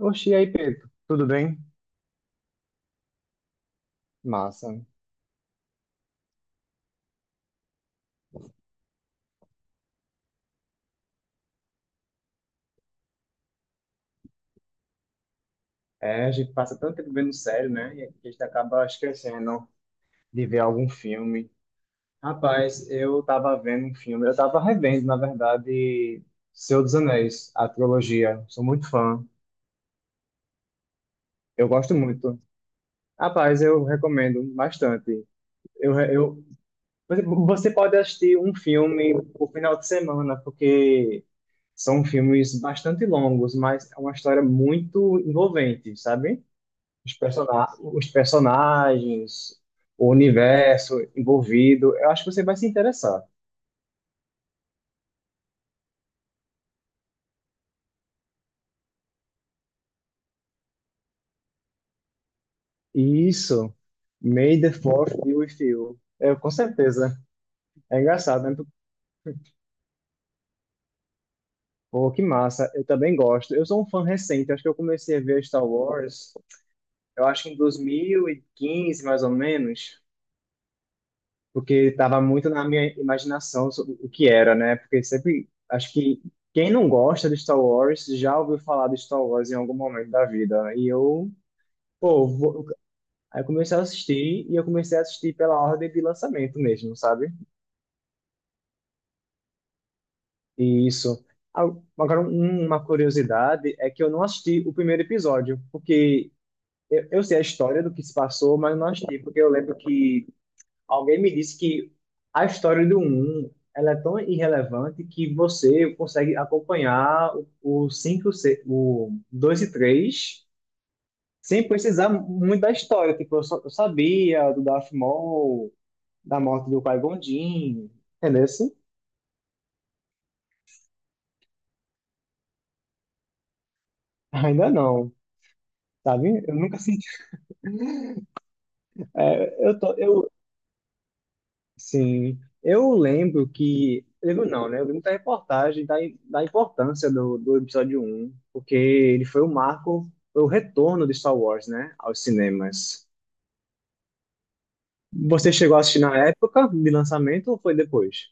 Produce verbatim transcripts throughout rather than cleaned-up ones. Oxi, e aí, Pedro? Tudo bem? Massa. É, a gente passa tanto tempo vendo série, né? E a gente acaba esquecendo de ver algum filme. Rapaz, eu tava vendo um filme, eu tava revendo, na verdade, Senhor dos Anéis, a trilogia. Sou muito fã, eu gosto muito. Rapaz, eu recomendo bastante. Eu, re- eu, você pode assistir um filme no final de semana, porque são filmes bastante longos, mas é uma história muito envolvente, sabe? os, persona- os personagens, o universo envolvido. Eu acho que você vai se interessar. E Isso. May the Fourth be with you. Eu, com certeza. É engraçado, né? Pô, que massa. Eu também gosto. Eu sou um fã recente. Acho que eu comecei a ver Star Wars, eu acho que em dois mil e quinze, mais ou menos, porque estava muito na minha imaginação sobre o que era, né? Porque sempre, acho que quem não gosta de Star Wars já ouviu falar de Star Wars em algum momento da vida. E eu Pô, vou- aí eu comecei a assistir e eu comecei a assistir pela ordem de lançamento mesmo, sabe? E isso. Ah, agora, um- uma curiosidade é que eu não assisti o primeiro episódio, porque eu, eu sei a história do que se passou, mas não assisti, porque eu lembro que alguém me disse que a história do um, ela é tão irrelevante que você consegue acompanhar o cinco, o dois e três sem precisar muito da história. Tipo, eu, só, eu sabia do Darth Maul, da morte do Qui-Gon Jinn, entendeu? Assim? Ainda não, sabe? Eu nunca senti. É, eu tô, eu, sim, eu lembro que, lembro não, né? Eu lembro da reportagem da, da importância do, do episódio um, porque ele foi o marco, foi o retorno de Star Wars, né, aos cinemas. Você chegou a assistir na época de lançamento ou foi depois?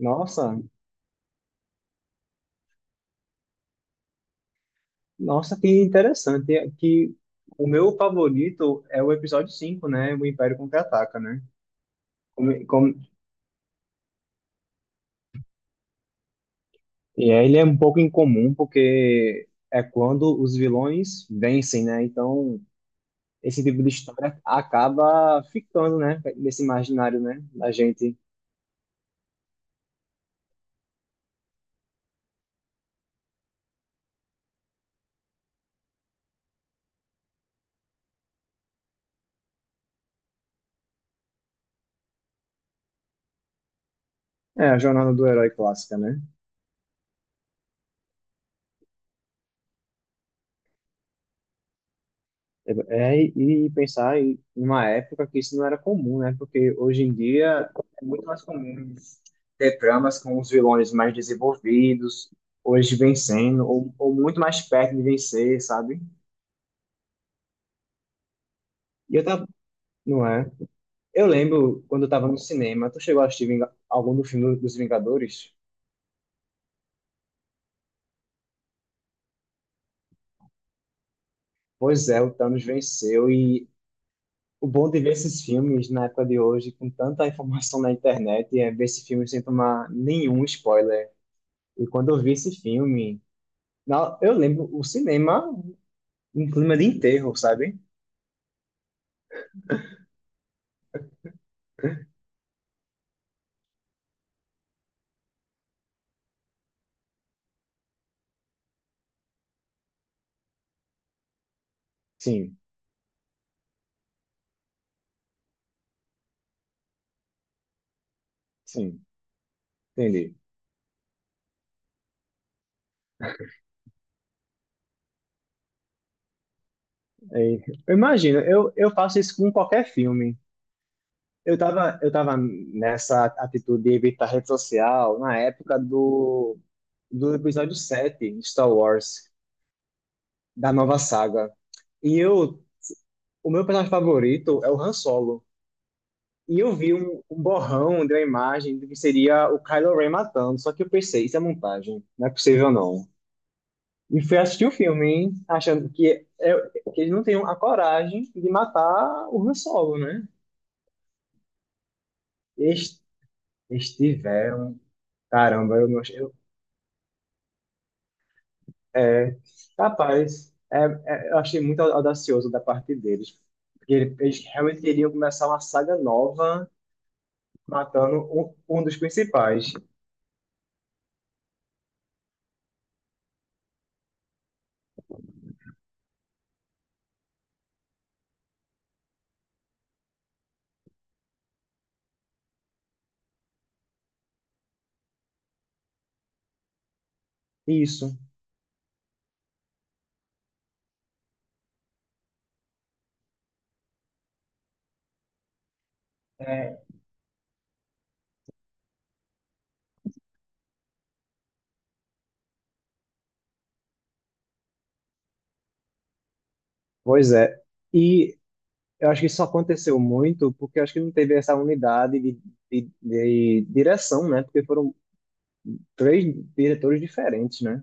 Nossa, nossa, que interessante, que o meu favorito é o episódio cinco, né? O Império Contra-Ataca, né? Como, como, E é, ele é um pouco incomum porque é quando os vilões vencem, né? Então, esse tipo de história acaba ficando, né? Nesse imaginário, né? Da gente. É a jornada do herói clássica, né? É, é, e pensar em uma época que isso não era comum, né? Porque hoje em dia é muito mais comum ter tramas com os vilões mais desenvolvidos, hoje vencendo, ou, ou muito mais perto de vencer, sabe? E eu tava, não é? Eu lembro quando eu tava no cinema, tu chegou a assistir Vinga- algum do filme dos Vingadores? Pois é, o Thanos venceu e o bom de ver esses filmes na época de hoje, com tanta informação na internet, é ver esse filme sem tomar nenhum spoiler. E quando eu vi esse filme, na- eu lembro o cinema em clima de enterro, sabe? Sim, sim, entendi. É, eu imagino, eu, eu faço isso com qualquer filme. Eu tava, eu tava nessa atitude de evitar rede social na época do, do episódio sete de Star Wars, da nova saga. E eu, o meu personagem favorito é o Han Solo. E eu vi um, um borrão de uma imagem de que seria o Kylo Ren matando, só que eu pensei, isso é montagem, não é possível não. E fui assistir o filme, hein, achando que, é, que eles não tinham a coragem de matar o Han Solo, né? Eles, eles tiveram, caramba, eu não. É, rapaz, é, é, eu achei muito audacioso da parte deles, porque ele- eles realmente queriam começar uma saga nova matando um, um dos principais. Isso, é, pois é. E eu acho que isso aconteceu muito porque eu acho que não teve essa unidade de, de, de direção, né? Porque foram três diretores diferentes, né?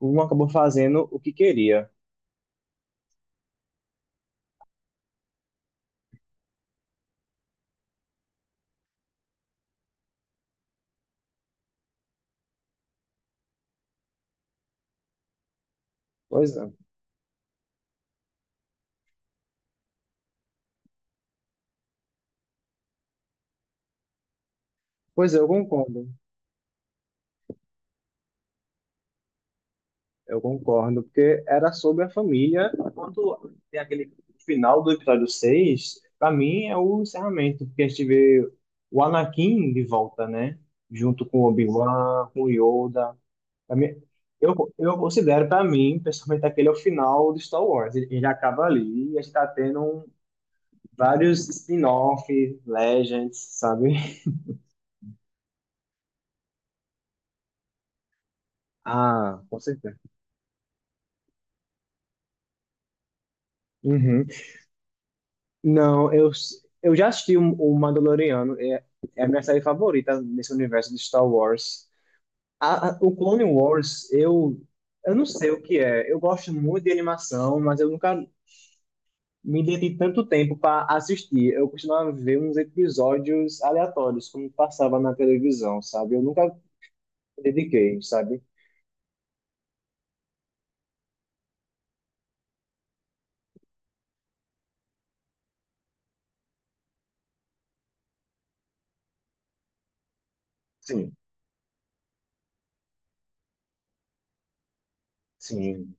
Um acabou fazendo o que queria. Pois é, pois é, eu concordo. Eu concordo, porque era sobre a família. Quando tem aquele final do episódio seis para mim é o encerramento, porque a gente vê o Anakin de volta, né? Junto com o Obi-Wan, com o Yoda. Pra mim, eu, eu considero, para mim, pessoalmente, aquele é o final de Star Wars. Ele ele acaba ali e a gente tá tendo vários spin-off, Legends, sabe? Ah, com certeza. Uhum. Não, eu, eu já assisti o, o Mandaloriano, é, é a minha série favorita nesse universo de Star Wars. A, a- o Clone Wars, eu, eu não sei o que é. Eu gosto muito de animação, mas eu nunca me dediquei tanto tempo para assistir. Eu costumava ver uns episódios aleatórios, como passava na televisão, sabe? Eu nunca me dediquei, sabe? Sim, sim.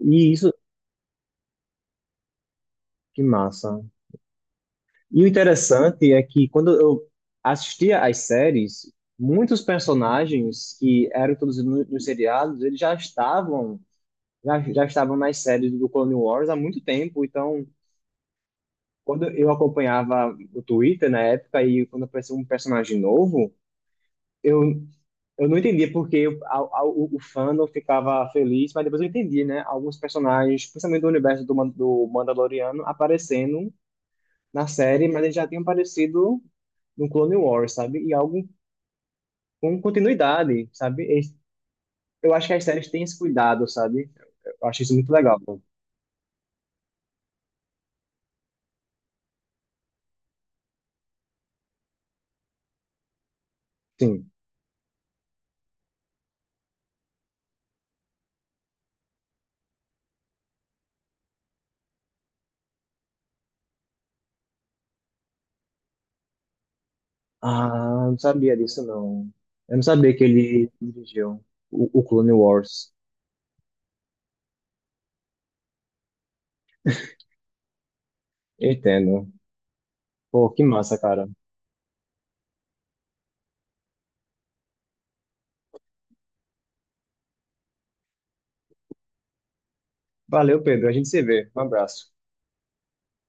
E isso, que massa. E o interessante é que quando eu assistia às séries, muitos personagens que eram todos no- nos seriados, eles já estavam já, já estavam nas séries do Clone Wars há muito tempo. Então, quando eu acompanhava o Twitter na época e quando aparecia um personagem novo, eu eu não entendia porque a, a, o, o fandom ficava feliz, mas depois eu entendi, né? Alguns personagens, principalmente do universo do, Man- do Mandaloriano, aparecendo na série, mas eles já tinham aparecido no Clone Wars, sabe? E algo com continuidade, sabe? Eles... Eu acho que as séries têm esse cuidado, sabe? Eu acho isso muito legal. Sim. Ah, não sabia disso, não. Eu não sabia que ele dirigiu o, o Clone Wars. Entendo. Pô, que massa, cara. Valeu, Pedro. A gente se vê. Um abraço.